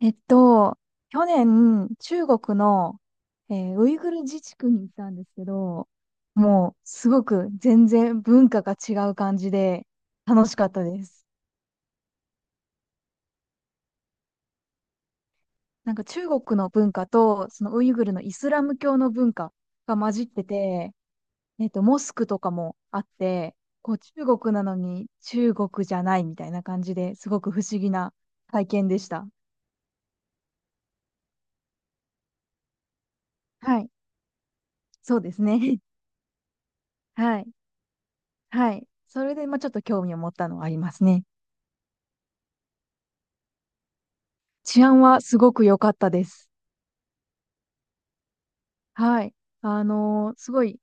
えっと、去年、中国の、ウイグル自治区に行ったんですけど、もう、すごく全然文化が違う感じで、楽しかったです。なんか中国の文化と、そのウイグルのイスラム教の文化が混じってて、モスクとかもあって、こう、中国なのに中国じゃないみたいな感じですごく不思議な体験でした。はい。そうですね。はい。はい。それで、まあ、ちょっと興味を持ったのはありますね。治安はすごく良かったです。はい。あのーすごい、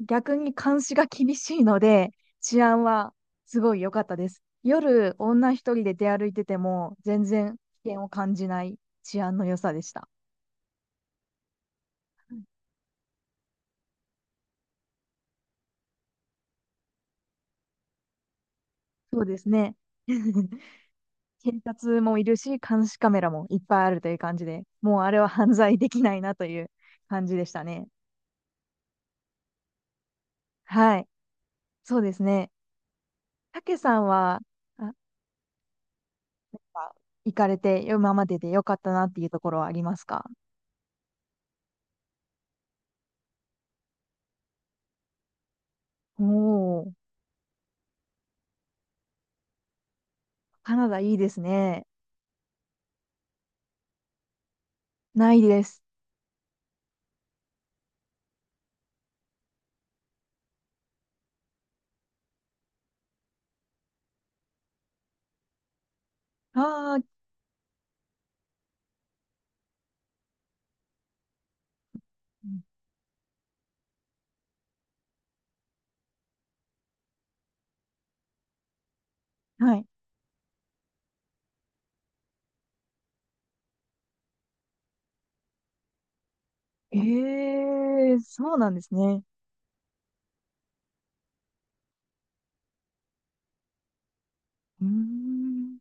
逆に監視が厳しいので、治安はすごい良かったです。夜、女一人で出歩いてても、全然危険を感じない治安の良さでした。そうですね。警察もいるし、監視カメラもいっぱいあるという感じで、もうあれは犯罪できないなという感じでしたね。はい。そうですね。たけさんは、あか行かれて、今までで良かったなっていうところはありますか？おおー、カナダいいですね。ないです。ああ、うん、はい。ええー、そうなんですね。うーん。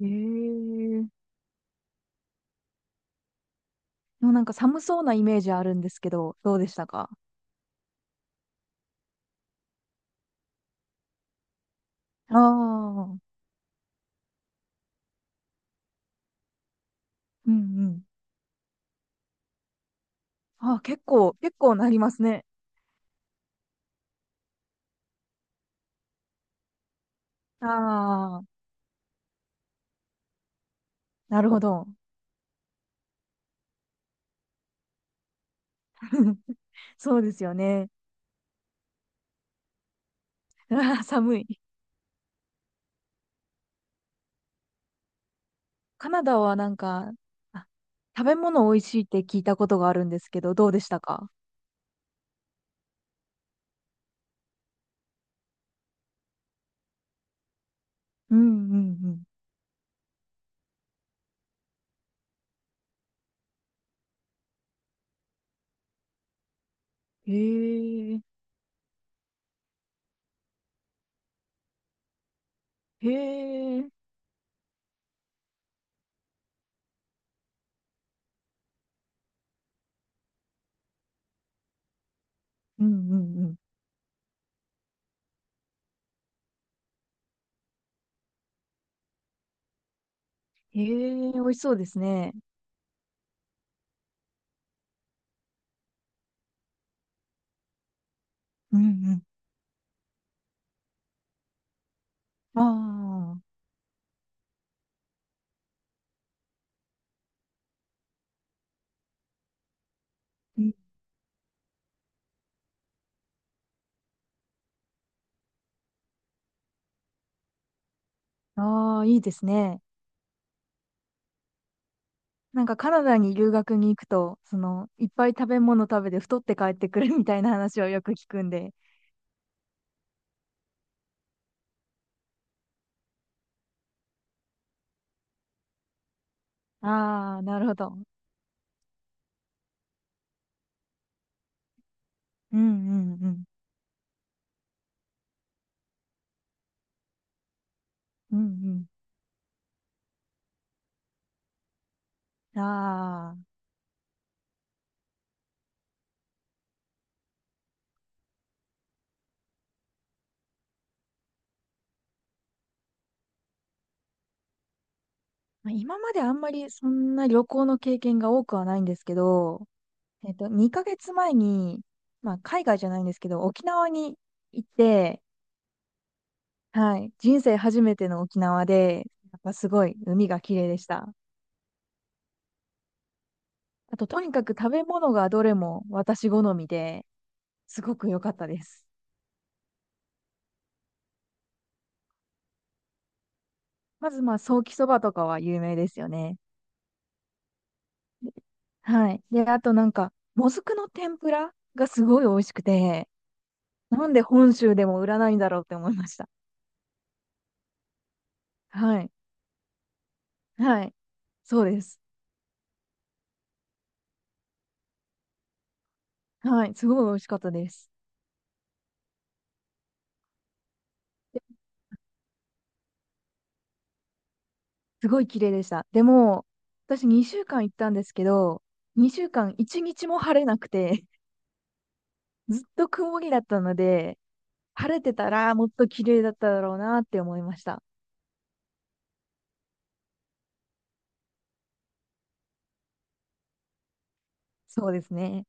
ええー。でもなんか寒そうなイメージあるんですけど、どうでしたか？ああー、うんうん。あー、結構、結構なりますね。ああ、なるほど。そうですよね。あー寒い。カナダはなんか、あ、食べ物美味しいって聞いたことがあるんですけど、どうでしたか？うんうんうん。へえ、へえ、うんうんうん。へえ、美味しそうですね。うんうん。ああ、うん。ああ、いいですね。なんかカナダに留学に行くと、その、いっぱい食べ物食べて太って帰ってくるみたいな話をよく聞くんで。ああ、なるほど。うんうんうん。うんうん。ああ。まあ今まであんまりそんな旅行の経験が多くはないんですけど、2ヶ月前に、まあ、海外じゃないんですけど、沖縄に行って、はい、人生初めての沖縄で、やっぱすごい海が綺麗でした。あと、とにかく食べ物がどれも私好みで、すごく良かったです。まず、まあ、ソーキそばとかは有名ですよね。はい。で、あとなんか、もずくの天ぷらがすごい美味しくて、なんで本州でも売らないんだろうって思いました。はい。はい。そうです。はい。すごい美味しかったです。すごい綺麗でした。でも、私2週間行ったんですけど、2週間1日も晴れなくて、ずっと曇りだったので、晴れてたらもっと綺麗だっただろうなって思いました。そうですね。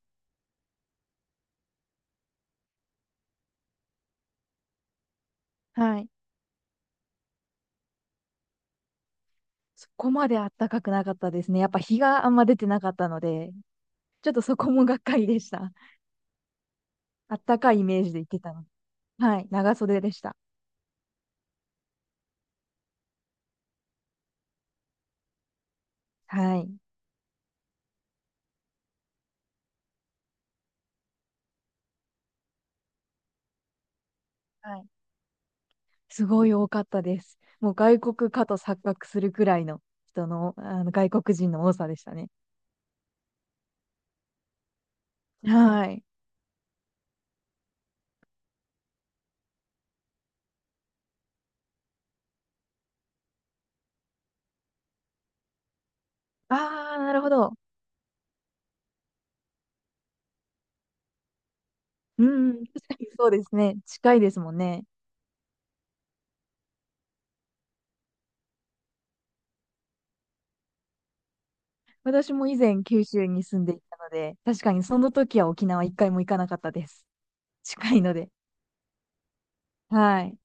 はい。そこまで暖かくなかったですね。やっぱ日があんま出てなかったので、ちょっとそこもがっかりでした。暖かいイメージで行ってたので。はい。長袖でした。はい。はい、すごい多かったです。もう外国かと錯覚するくらいの人の、あの外国人の多さでしたね。はい。ああ、なるほど。うん、確かにそうですね。近いですもんね。私も以前九州に住んでいたので、確かにその時は沖縄一回も行かなかったです。近いので。はい。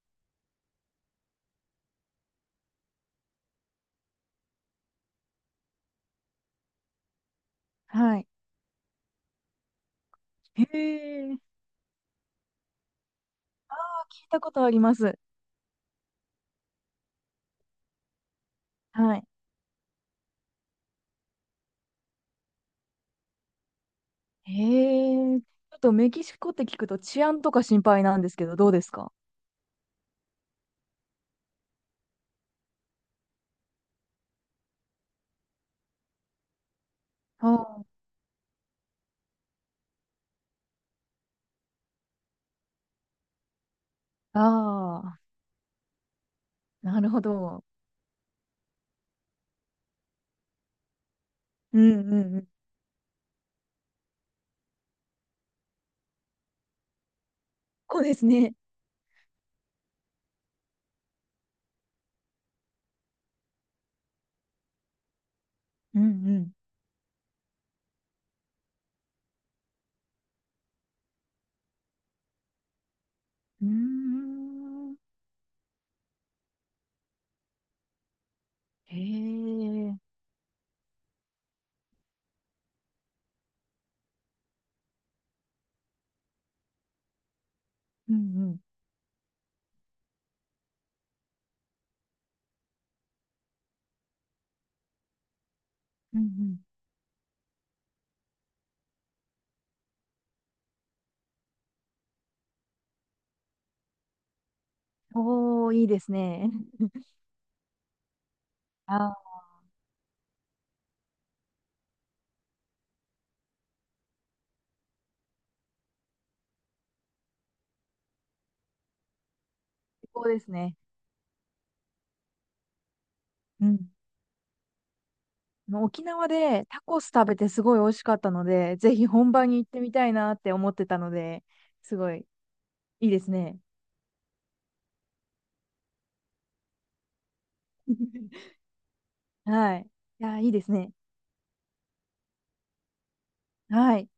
はい。へえ。あ、聞いたことあります。はい。へえ。ちょっとメキシコって聞くと治安とか心配なんですけど、どうですか？ああ、ああー、なるほど。うんうんうん。こうですね。うんうん。うーん。へえ。うんうん。うんうん。おー、いいですね。ああ、最高ですね。うん。あの沖縄でタコス食べてすごい美味しかったので、ぜひ本場に行ってみたいなって思ってたので、すごいいいですね。はい。いやー、いいですね。はい。